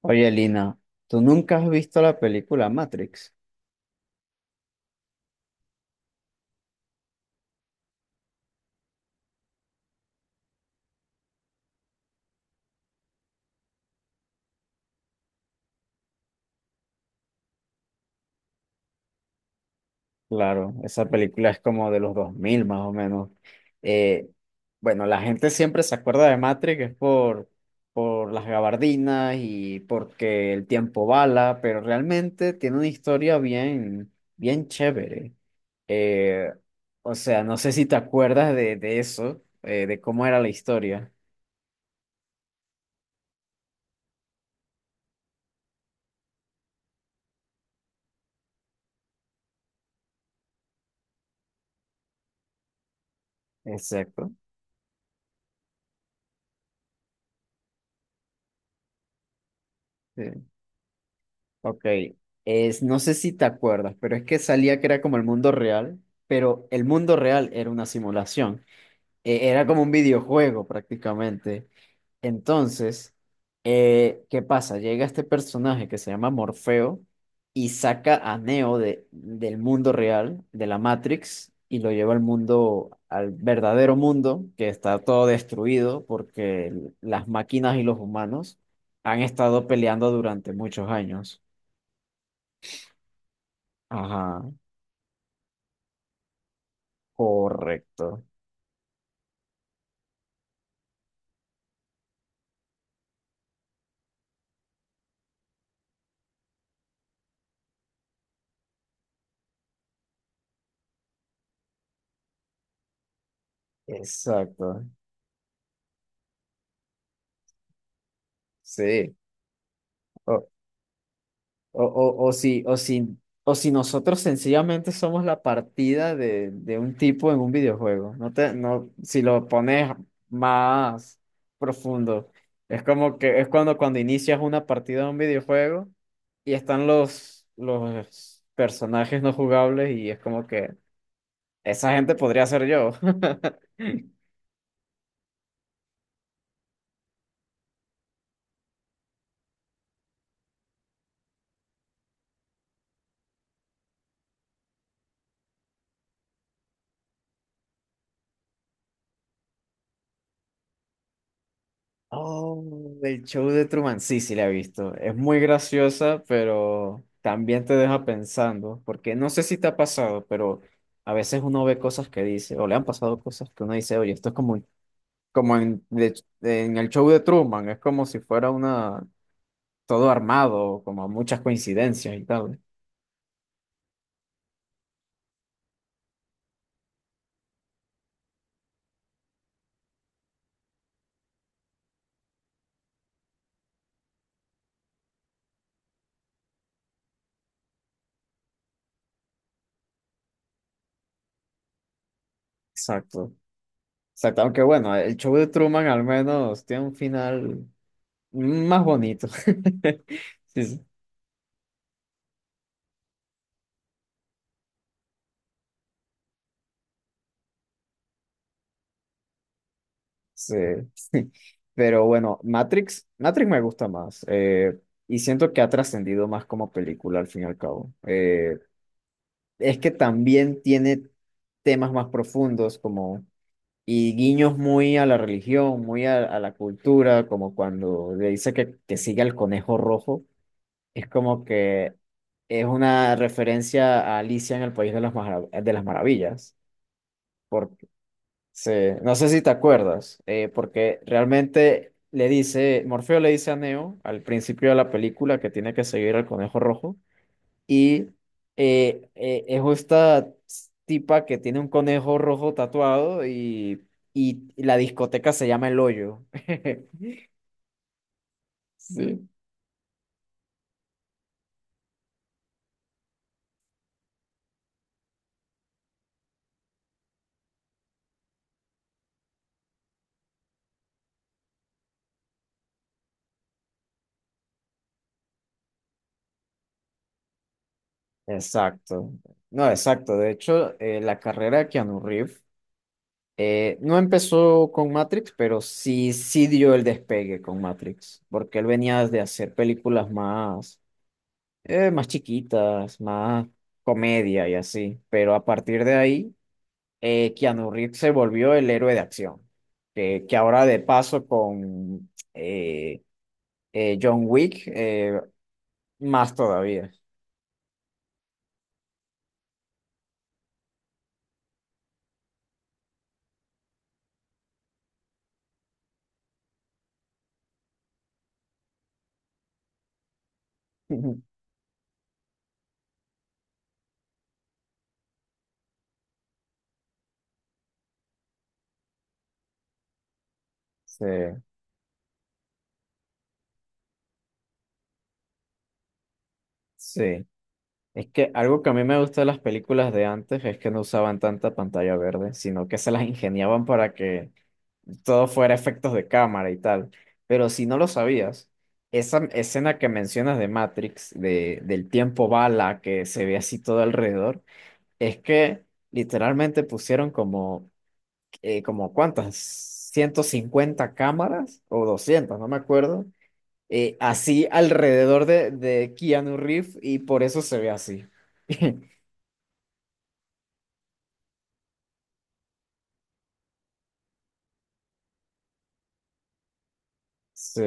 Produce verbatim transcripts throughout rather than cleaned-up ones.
Oye, Lina, ¿tú nunca has visto la película Matrix? Claro, esa película es como de los dos mil más o menos. Eh, bueno, la gente siempre se acuerda de Matrix es por, por las gabardinas y porque el tiempo bala, pero realmente tiene una historia bien, bien chévere. Eh, o sea, no sé si te acuerdas de, de eso, eh, de cómo era la historia. Exacto. Ok, es, no sé si te acuerdas, pero es que salía que era como el mundo real, pero el mundo real era una simulación. Eh, era como un videojuego prácticamente. Entonces, eh, ¿qué pasa? Llega este personaje que se llama Morfeo y saca a Neo de, del mundo real, de la Matrix, y lo lleva al mundo, al verdadero mundo, que está todo destruido porque las máquinas y los humanos han estado peleando durante muchos años. Ajá, correcto. Exacto. Sí. O, o, o, o si, o si, o si, nosotros sencillamente somos la partida de, de un tipo en un videojuego. No te, no, si lo pones más profundo. Es como que es cuando, cuando inicias una partida de un videojuego y están los, los personajes no jugables y es como que esa gente podría ser yo. Oh, el show de Truman, sí, sí la he visto. Es muy graciosa, pero también te deja pensando, porque no sé si te ha pasado, pero a veces uno ve cosas que dice, o le han pasado cosas que uno dice, oye, esto es como, como en, de- en el show de Truman, es como si fuera una, todo armado, como muchas coincidencias y tal. Exacto. Exacto, aunque bueno, el show de Truman al menos tiene un final más bonito. Sí, sí. Sí. Pero bueno, Matrix, Matrix me gusta más. Eh, y siento que ha trascendido más como película al fin y al cabo. Eh, es que también tiene temas más profundos como y guiños muy a la religión, muy a, a la cultura, como cuando le dice que, que sigue al conejo rojo. Es como que es una referencia a Alicia en el País de las, Marav- de las Maravillas, por sí, no sé si te acuerdas, eh, porque realmente le dice, Morfeo le dice a Neo al principio de la película que tiene que seguir al conejo rojo y eh, eh, es esta tipa que tiene un conejo rojo tatuado y, y la discoteca se llama El Hoyo. Sí. Exacto. No, exacto. De hecho, eh, la carrera de Keanu Reeves Eh, no empezó con Matrix, pero sí, sí dio el despegue con Matrix, porque él venía de hacer películas más, eh, más chiquitas, más comedia y así. Pero a partir de ahí, eh, Keanu Reeves se volvió el héroe de acción, que, que ahora de paso con eh, eh, John Wick, eh, más todavía. Sí, sí. Es que algo que a mí me gusta de las películas de antes es que no usaban tanta pantalla verde, sino que se las ingeniaban para que todo fuera efectos de cámara y tal. Pero si no lo sabías, esa escena que mencionas de Matrix, de, del tiempo bala que se ve así todo alrededor, es que literalmente pusieron como, eh, como ¿cuántas? Ciento cincuenta cámaras o doscientas, no me acuerdo, eh, así alrededor de, de Keanu Reeves y por eso se ve así. Sí,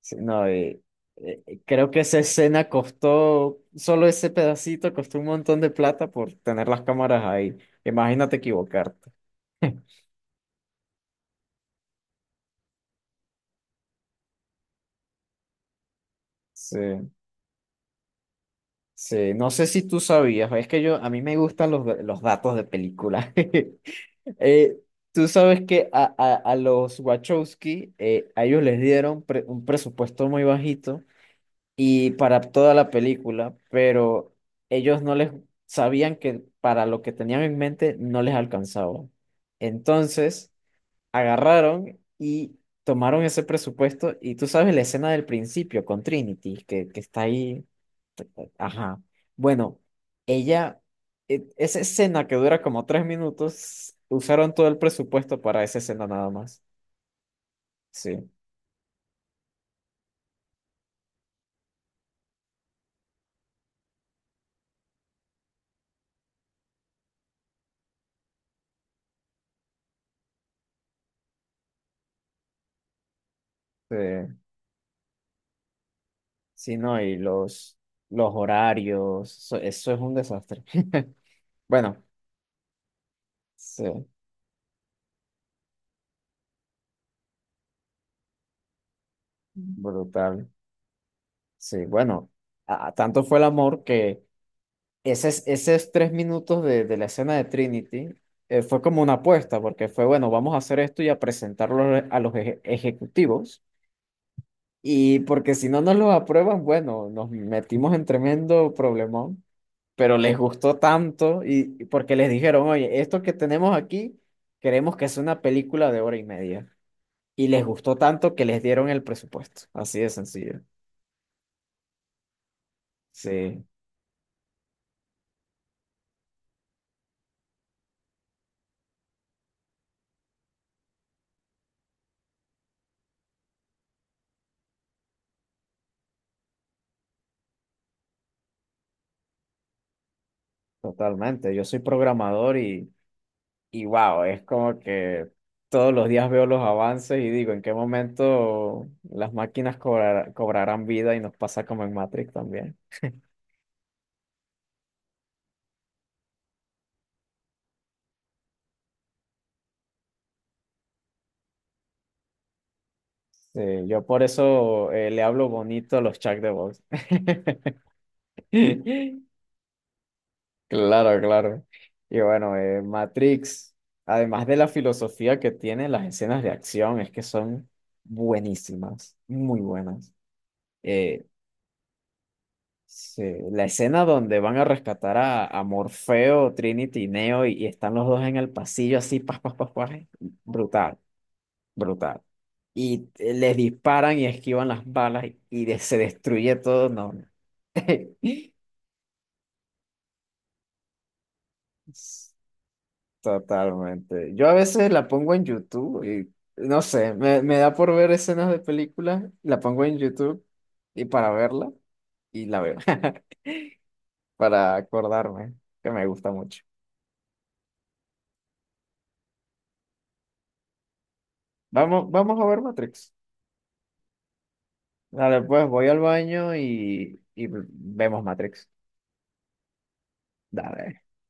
sí, no, y, eh, eh, creo que esa escena costó, solo ese pedacito costó un montón de plata por tener las cámaras ahí. Imagínate equivocarte. Sí, sí, no sé si tú sabías, es que yo, a mí me gustan los, los datos de películas. Eh, Tú sabes que a, a, a los Wachowski, eh, a ellos les dieron pre- un presupuesto muy bajito y para toda la película, pero ellos no les sabían que para lo que tenían en mente no les alcanzaba. Entonces, agarraron y tomaron ese presupuesto y tú sabes la escena del principio con Trinity, que, que está ahí. Ajá. Bueno, ella, e- esa escena que dura como tres minutos, usaron todo el presupuesto para esa escena nada más. Sí. Sí. Sí, no, y los, los horarios, eso, eso es un desastre. Bueno, sí, brutal. Sí, bueno, a- a tanto fue el amor que esos, esos tres minutos de, de la escena de Trinity eh, fue como una apuesta, porque fue, bueno, vamos a hacer esto y a presentarlo a los eje- ejecutivos, y porque si no nos lo aprueban, bueno, nos metimos en tremendo problemón. Pero les gustó tanto y y porque les dijeron, oye, esto que tenemos aquí, queremos que sea una película de hora y media. Y les gustó tanto que les dieron el presupuesto. Así de sencillo. Sí, totalmente. Yo soy programador y, y wow, es como que todos los días veo los avances y digo, ¿en qué momento las máquinas cobrar- cobrarán vida y nos pasa como en Matrix también? Sí, yo por eso eh, le hablo bonito a los chats de voz. Claro, claro. Y bueno, eh, Matrix, además de la filosofía que tiene, las escenas de acción es que son buenísimas, muy buenas. Eh, se- la escena donde van a rescatar a, a Morfeo, Trinity y Neo y, y, están los dos en el pasillo así, pas, pas, pas, pas, brutal, brutal. Y eh, les disparan y esquivan las balas y, y de- se destruye todo, no. No. Totalmente. Yo a veces la pongo en YouTube y no sé, me, me da por ver escenas de películas, la pongo en YouTube y para verla y la veo, para acordarme que me gusta mucho. Vamos, vamos a ver Matrix. Dale, pues voy al baño y, y vemos Matrix. Dale.